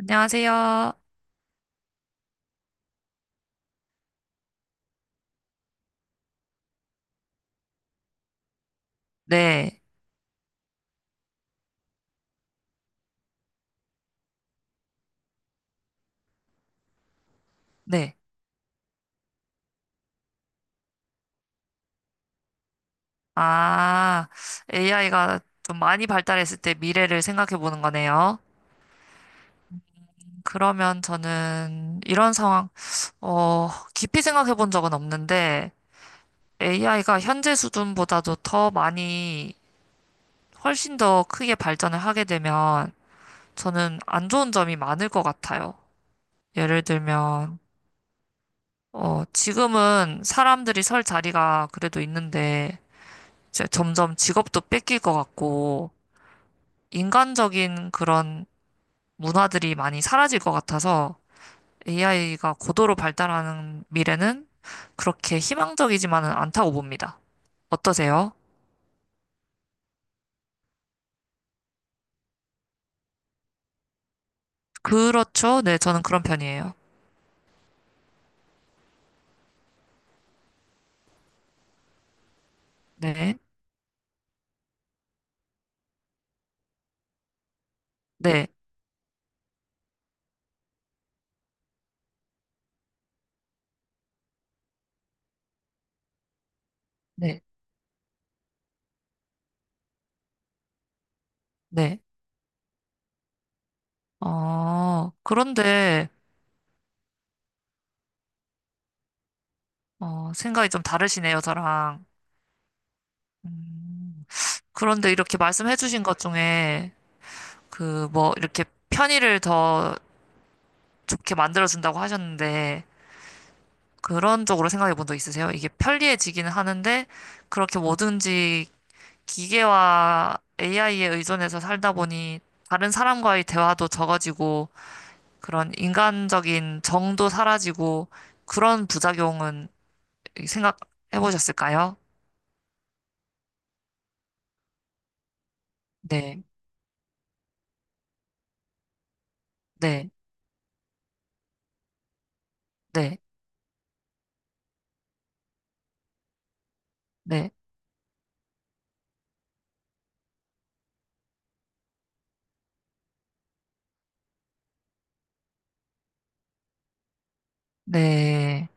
안녕하세요. 네, 네. 아, AI가 좀 많이 발달했을 때 미래를 생각해 보는 거네요. 그러면 저는 이런 상황, 어, 깊이 생각해 본 적은 없는데 AI가 현재 수준보다도 더 많이 훨씬 더 크게 발전을 하게 되면 저는 안 좋은 점이 많을 것 같아요. 예를 들면, 지금은 사람들이 설 자리가 그래도 있는데 이제 점점 직업도 뺏길 것 같고 인간적인 그런 문화들이 많이 사라질 것 같아서 AI가 고도로 발달하는 미래는 그렇게 희망적이지만은 않다고 봅니다. 어떠세요? 그렇죠. 네, 저는 그런 편이에요. 네, 네, 네, 네. 어, 그런데, 생각이 좀 다르시네요, 저랑. 음, 그런데 이렇게 말씀해 주신 것 중에, 그, 뭐, 이렇게 편의를 더 좋게 만들어준다고 하셨는데, 그런 쪽으로 생각해 본 적 있으세요? 이게 편리해지기는 하는데, 그렇게 뭐든지 기계와 AI에 의존해서 살다 보니, 다른 사람과의 대화도 적어지고, 그런 인간적인 정도 사라지고, 그런 부작용은 생각해 보셨을까요? 네, 네, 네, 네, 네,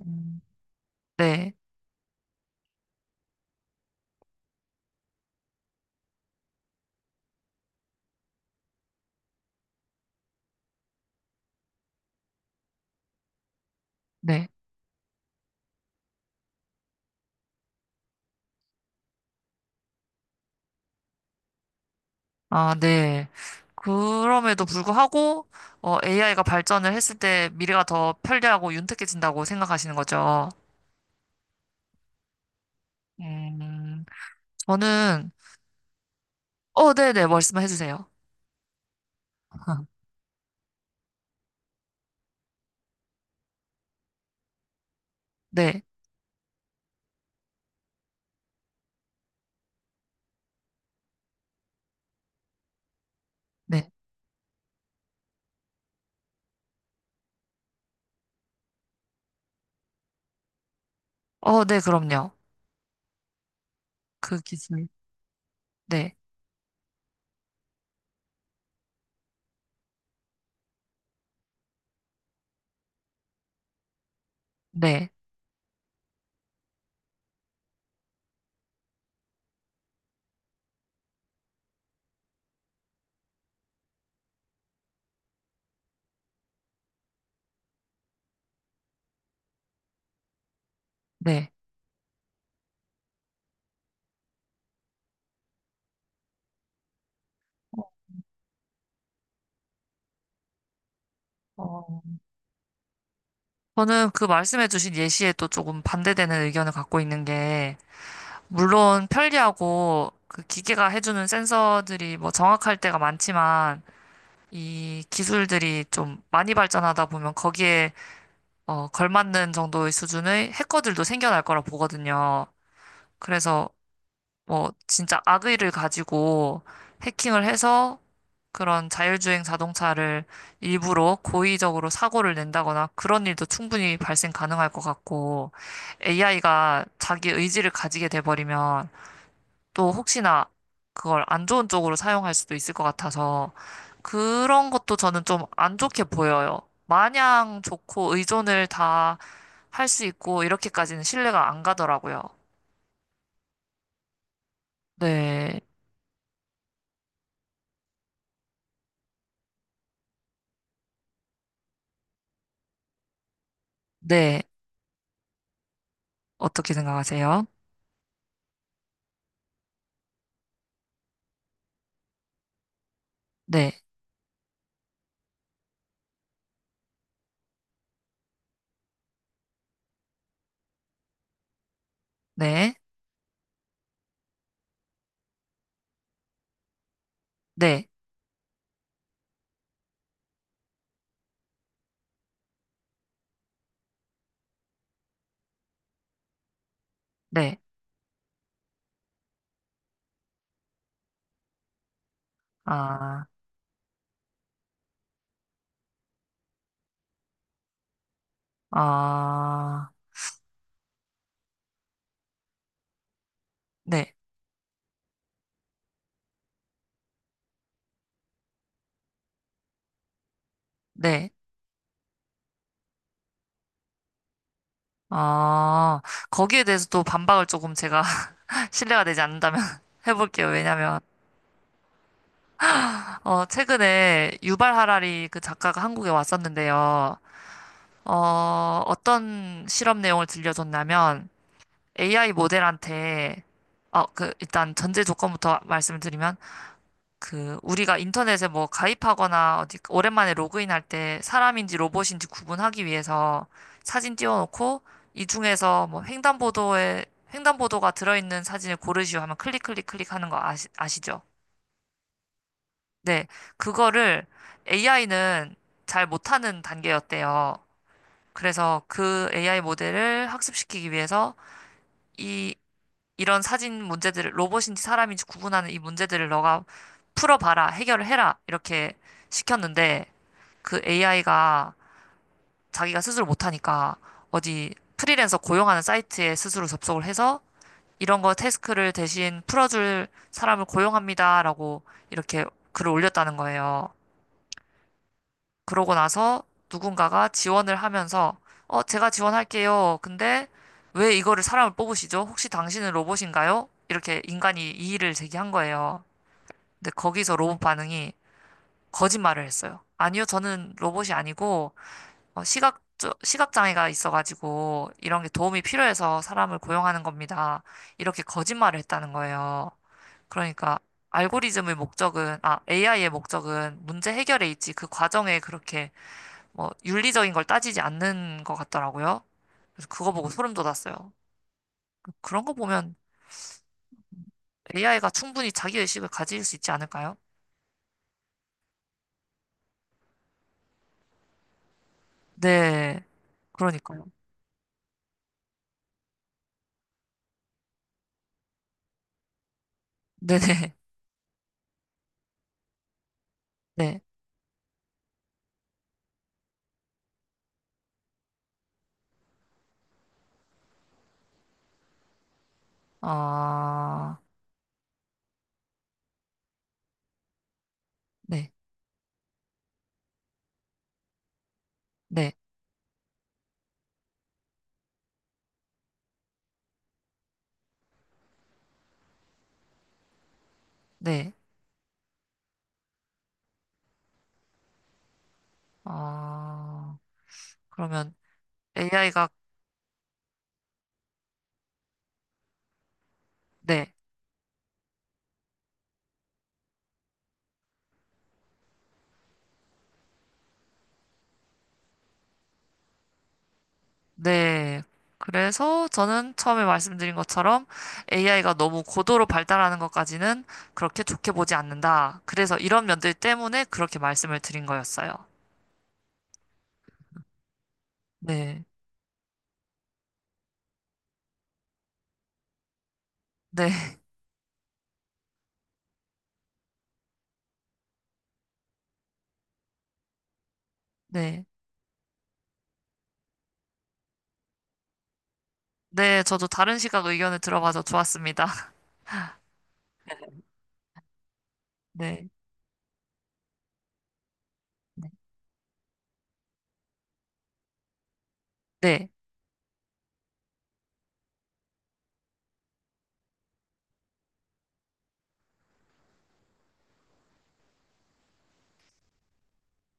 음, 네, 네. 아, 네. 그럼에도 불구하고, AI가 발전을 했을 때 미래가 더 편리하고 윤택해진다고 생각하시는 거죠. 음, 저는, 어, 네네, 말씀해 주세요. 네, 네. 어, 네, 그럼요. 그 기술. 네, 네, 네. 어, 저는 그 말씀해주신 예시에 또 조금 반대되는 의견을 갖고 있는 게, 물론 편리하고 그 기계가 해주는 센서들이 뭐 정확할 때가 많지만, 이 기술들이 좀 많이 발전하다 보면 거기에 걸맞는 정도의 수준의 해커들도 생겨날 거라 보거든요. 그래서 뭐 진짜 악의를 가지고 해킹을 해서 그런 자율주행 자동차를 일부러 고의적으로 사고를 낸다거나 그런 일도 충분히 발생 가능할 것 같고 AI가 자기 의지를 가지게 돼버리면 또 혹시나 그걸 안 좋은 쪽으로 사용할 수도 있을 것 같아서 그런 것도 저는 좀 안 좋게 보여요. 마냥 좋고 의존을 다 할 수 있고 이렇게까지는 신뢰가 안 가더라고요. 네, 네. 어떻게 생각하세요? 네, 네, 네, 네. 아, 아, 네, 네. 아, 거기에 대해서 또 반박을 조금 제가 신뢰가 되지 않는다면 해볼게요. 왜냐면 최근에 유발 하라리 그 작가가 한국에 왔었는데요. 어, 어떤 실험 내용을 들려줬냐면 AI 모델한테 그 일단 전제 조건부터 말씀을 드리면 그 우리가 인터넷에 뭐 가입하거나 어디 오랜만에 로그인할 때 사람인지 로봇인지 구분하기 위해서 사진 띄워놓고 이 중에서 뭐 횡단보도에 횡단보도가 들어있는 사진을 고르시오 하면 클릭 클릭 클릭 하는 거 아시죠? 네, 그거를 AI는 잘 못하는 단계였대요. 그래서 그 AI 모델을 학습시키기 위해서 이, 이런 사진 문제들을 로봇인지 사람인지 구분하는 이 문제들을 너가 풀어봐라, 해결을 해라, 이렇게 시켰는데 그 AI가 자기가 스스로 못하니까 어디 프리랜서 고용하는 사이트에 스스로 접속을 해서 이런 거 태스크를 대신 풀어줄 사람을 고용합니다라고 이렇게 글을 올렸다는 거예요. 그러고 나서 누군가가 지원을 하면서, 어, 제가 지원할게요. 근데 왜 이거를 사람을 뽑으시죠? 혹시 당신은 로봇인가요? 이렇게 인간이 이의를 제기한 거예요. 근데 거기서 로봇 반응이 거짓말을 했어요. 아니요, 저는 로봇이 아니고, 어, 시각장애가 있어가지고, 이런 게 도움이 필요해서 사람을 고용하는 겁니다. 이렇게 거짓말을 했다는 거예요. 그러니까, 알고리즘의 목적은, 아, AI의 목적은 문제 해결에 있지, 그 과정에 그렇게 뭐 윤리적인 걸 따지지 않는 것 같더라고요. 그래서 그거 보고 소름 돋았어요. 그런 거 보면 AI가 충분히 자기 의식을 가질 수 있지 않을까요? 네, 그러니까요. 네네, 네. 네. 아, 네, 네, 네. 아, 그러면 AI가, 네, 네. 그래서 저는 처음에 말씀드린 것처럼 AI가 너무 고도로 발달하는 것까지는 그렇게 좋게 보지 않는다. 그래서 이런 면들 때문에 그렇게 말씀을 드린 거였어요. 네. 네, 네. 네, 저도 다른 시각 의견을 들어봐서 좋았습니다. 네. 네. 네.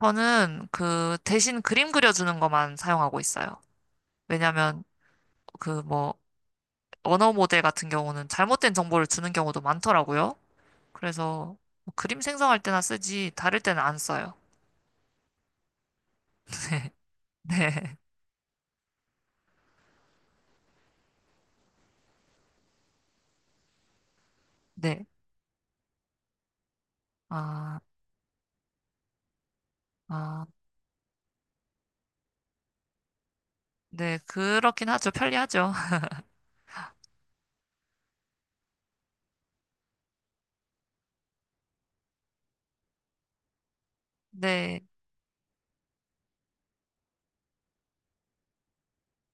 저는 그 대신 그림 그려주는 것만 사용하고 있어요. 왜냐면 그 뭐 언어 모델 같은 경우는 잘못된 정보를 주는 경우도 많더라고요. 그래서 뭐 그림 생성할 때나 쓰지 다를 때는 안 써요. 네. 네. 아, 아, 네. 그렇긴 하죠. 편리하죠. 네.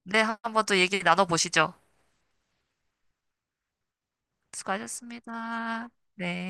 네. 한번 또 얘기 나눠보시죠. 수고하셨습니다. 네.